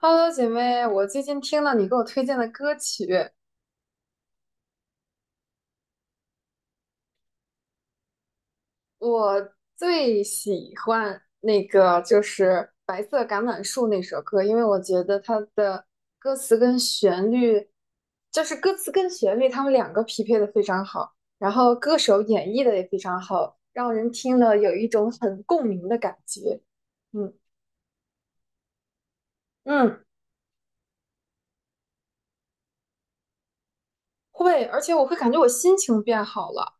Hello，姐妹，我最近听了你给我推荐的歌曲，我最喜欢那个就是《白色橄榄树》那首歌，因为我觉得它的歌词跟旋律，就是歌词跟旋律，它们两个匹配的非常好，然后歌手演绎的也非常好，让人听了有一种很共鸣的感觉。嗯嗯，会，而且我会感觉我心情变好了，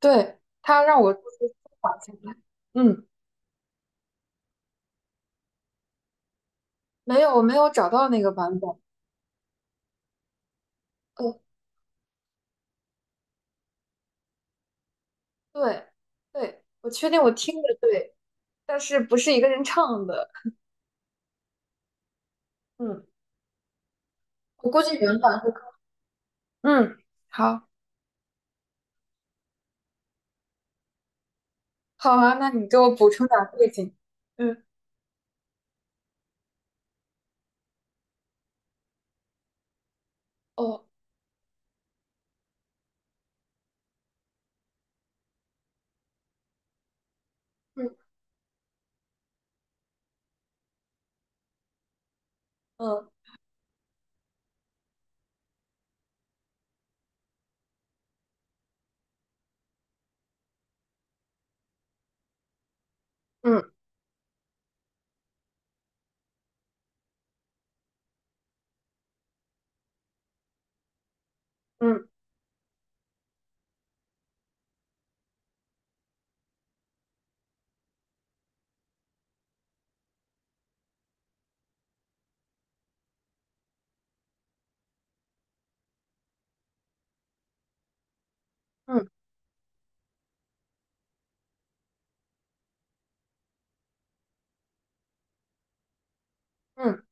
对，它让我就是舒缓下来。嗯。没有，我没有找到那个版本。呃，对，对，我确定我听着对，但是不是一个人唱的。嗯，我估计原版会。嗯，好，好啊，那你给我补充点儿背景。嗯，哦，嗯嗯嗯嗯嗯嗯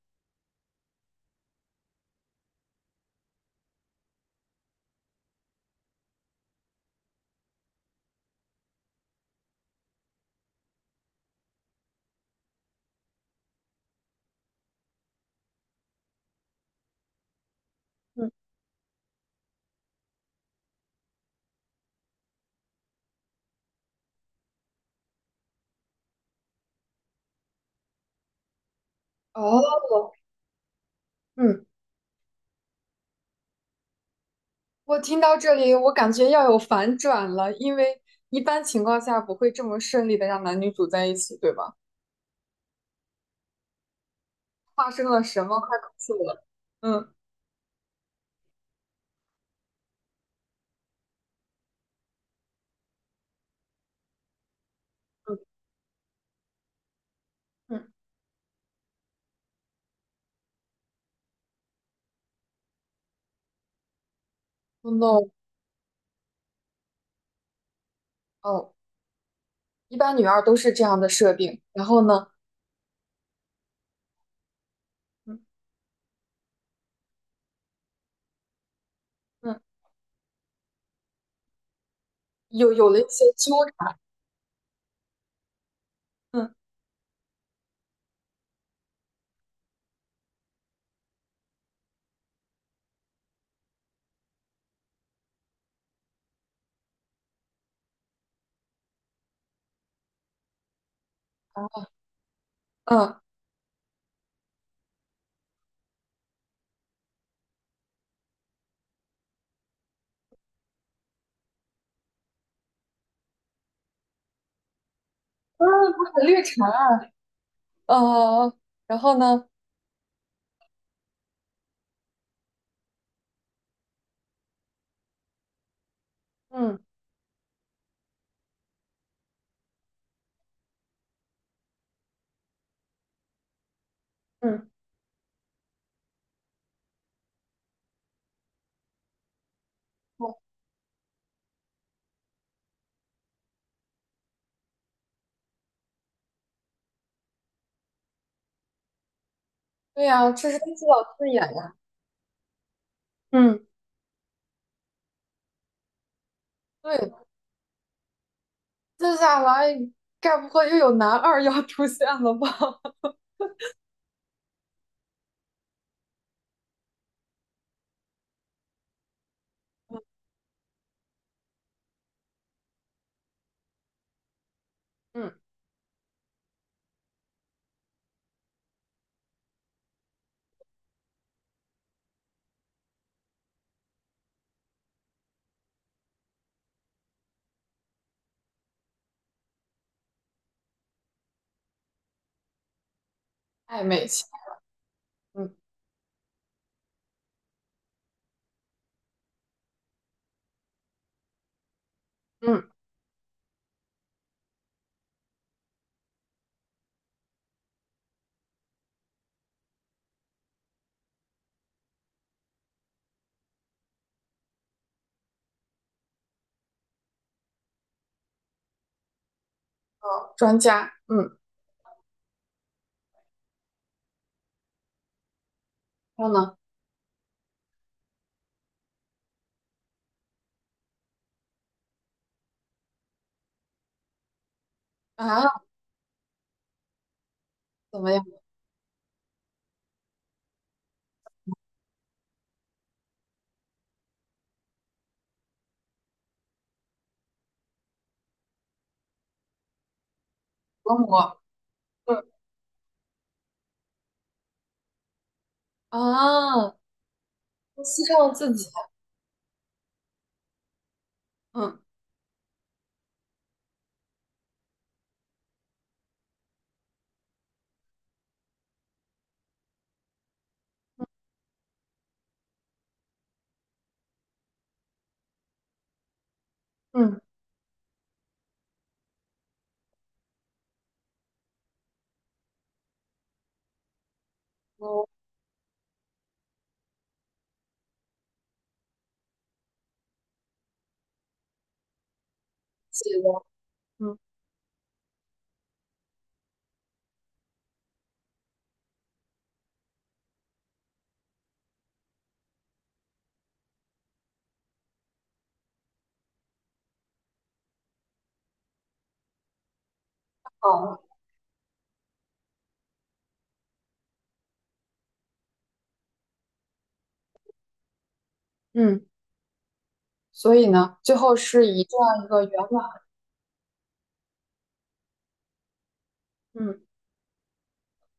嗯，哦，嗯，我听到这里，我感觉要有反转了，因为一般情况下不会这么顺利的让男女主在一起，对吧？发生了什么？快告诉我。嗯嗯嗯， o no，哦。一般女二都是这样的设定。然后呢，嗯嗯，有了一些纠缠，嗯嗯嗯，不是绿茶，呃，然后呢，嗯嗯，哦，对呀、这是金希老师演呀，嗯，对，接下来该不会又有男二要出现了吧？嗯，暧昧期，嗯，嗯，哦，专家，嗯，然后呢，啊，怎么样，折磨，嗯啊，牺牲了自己，嗯嗯，我自己，嗯，好。嗯，所以呢，最后是以这样一个圆满，嗯，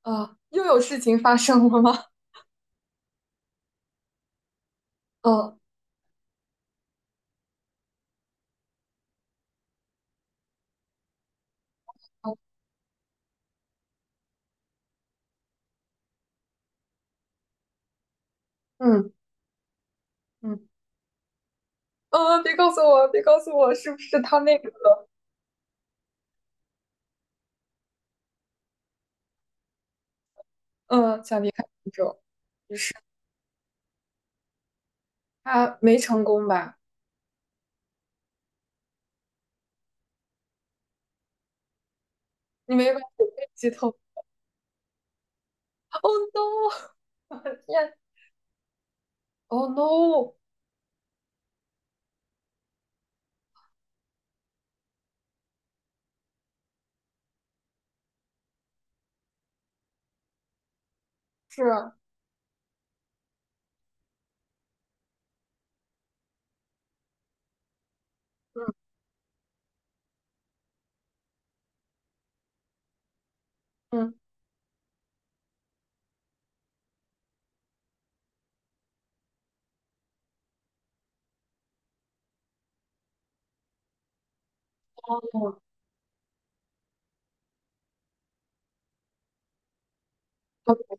啊，又有事情发生了吗？呃，嗯嗯，嗯，别告诉我，别告诉我，是不是他那个，嗯，想离开苏州，于是他没成功吧？你没把我被剧透？Oh no！天！Oh no！是啊，嗯嗯嗯，嗯，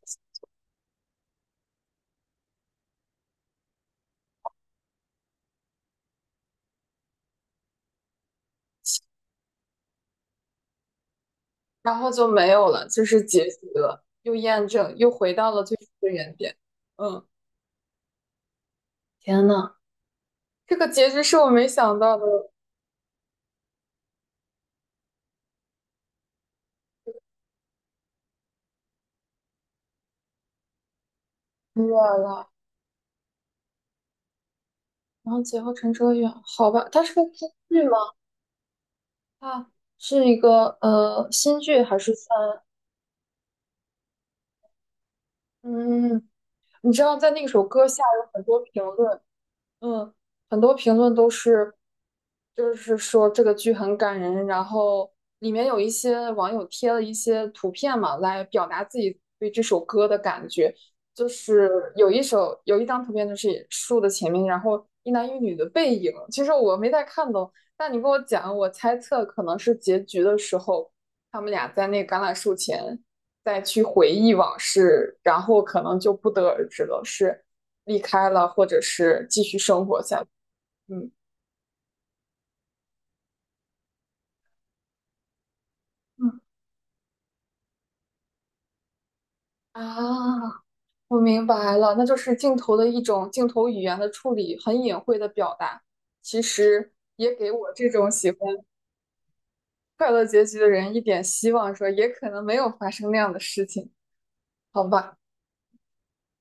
然后就没有了，就是结局了，又验证，又回到了最初的原点。嗯，天呐，这个结局是我没想到的。热了，然后劫后陈哲远，好吧，他是个新剧吗？它是一个新剧还是番？嗯，你知道在那首歌下有很多评论，嗯，很多评论都是，就是说这个剧很感人，然后里面有一些网友贴了一些图片嘛，来表达自己对这首歌的感觉。就是有一张图片，就是树的前面，然后一男一女的背影。其实我没太看懂，但你跟我讲，我猜测可能是结局的时候，他们俩在那橄榄树前再去回忆往事，然后可能就不得而知了。是。离开了，或者是继续生活下去。嗯嗯，啊，我明白了，那就是镜头的一种镜头语言的处理，很隐晦的表达，其实也给我这种喜欢快乐结局的人一点希望，说也可能没有发生那样的事情，好吧？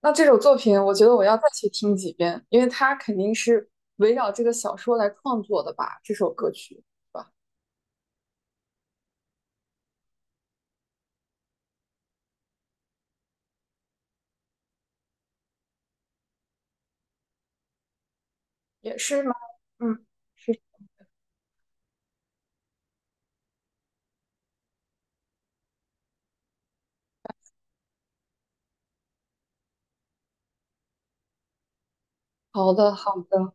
那这首作品，我觉得我要再去听几遍，因为它肯定是围绕这个小说来创作的吧，这首歌曲，是吧？也是吗？嗯，是好的，好的，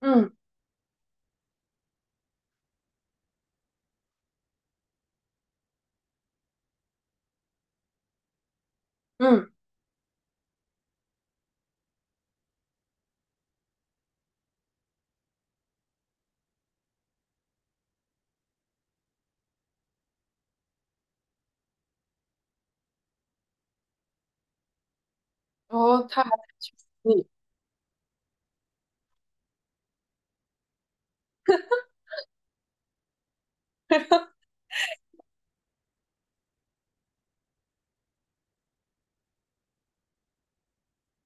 嗯嗯，然后它。嗯，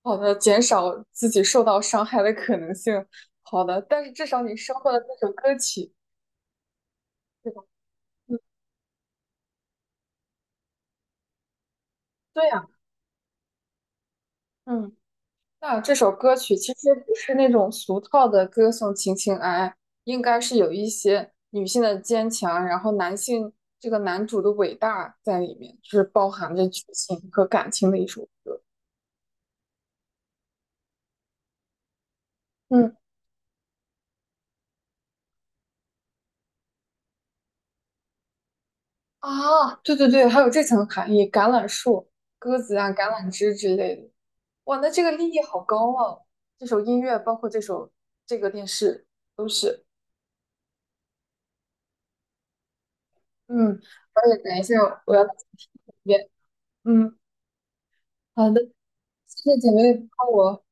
好的，减少自己受到伤害的可能性。好的，但是至少你收获了那首歌曲，对吧？嗯，对呀，嗯，那这首歌曲其实不是那种俗套的歌颂情情爱爱，应该是有一些女性的坚强，然后男性这个男主的伟大在里面，就是包含着剧情和感情的一首歌。嗯，啊，对对对，还有这层含义，橄榄树、鸽子啊、橄榄枝之类的。哇，那这个立意好高啊！这首音乐，包括这个电视，都是。嗯，而且等一下我要再听一遍。嗯，好的，谢谢姐妹帮我，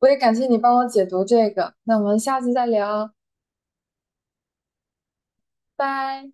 我也感谢你帮我解读这个。那我们下次再聊，拜。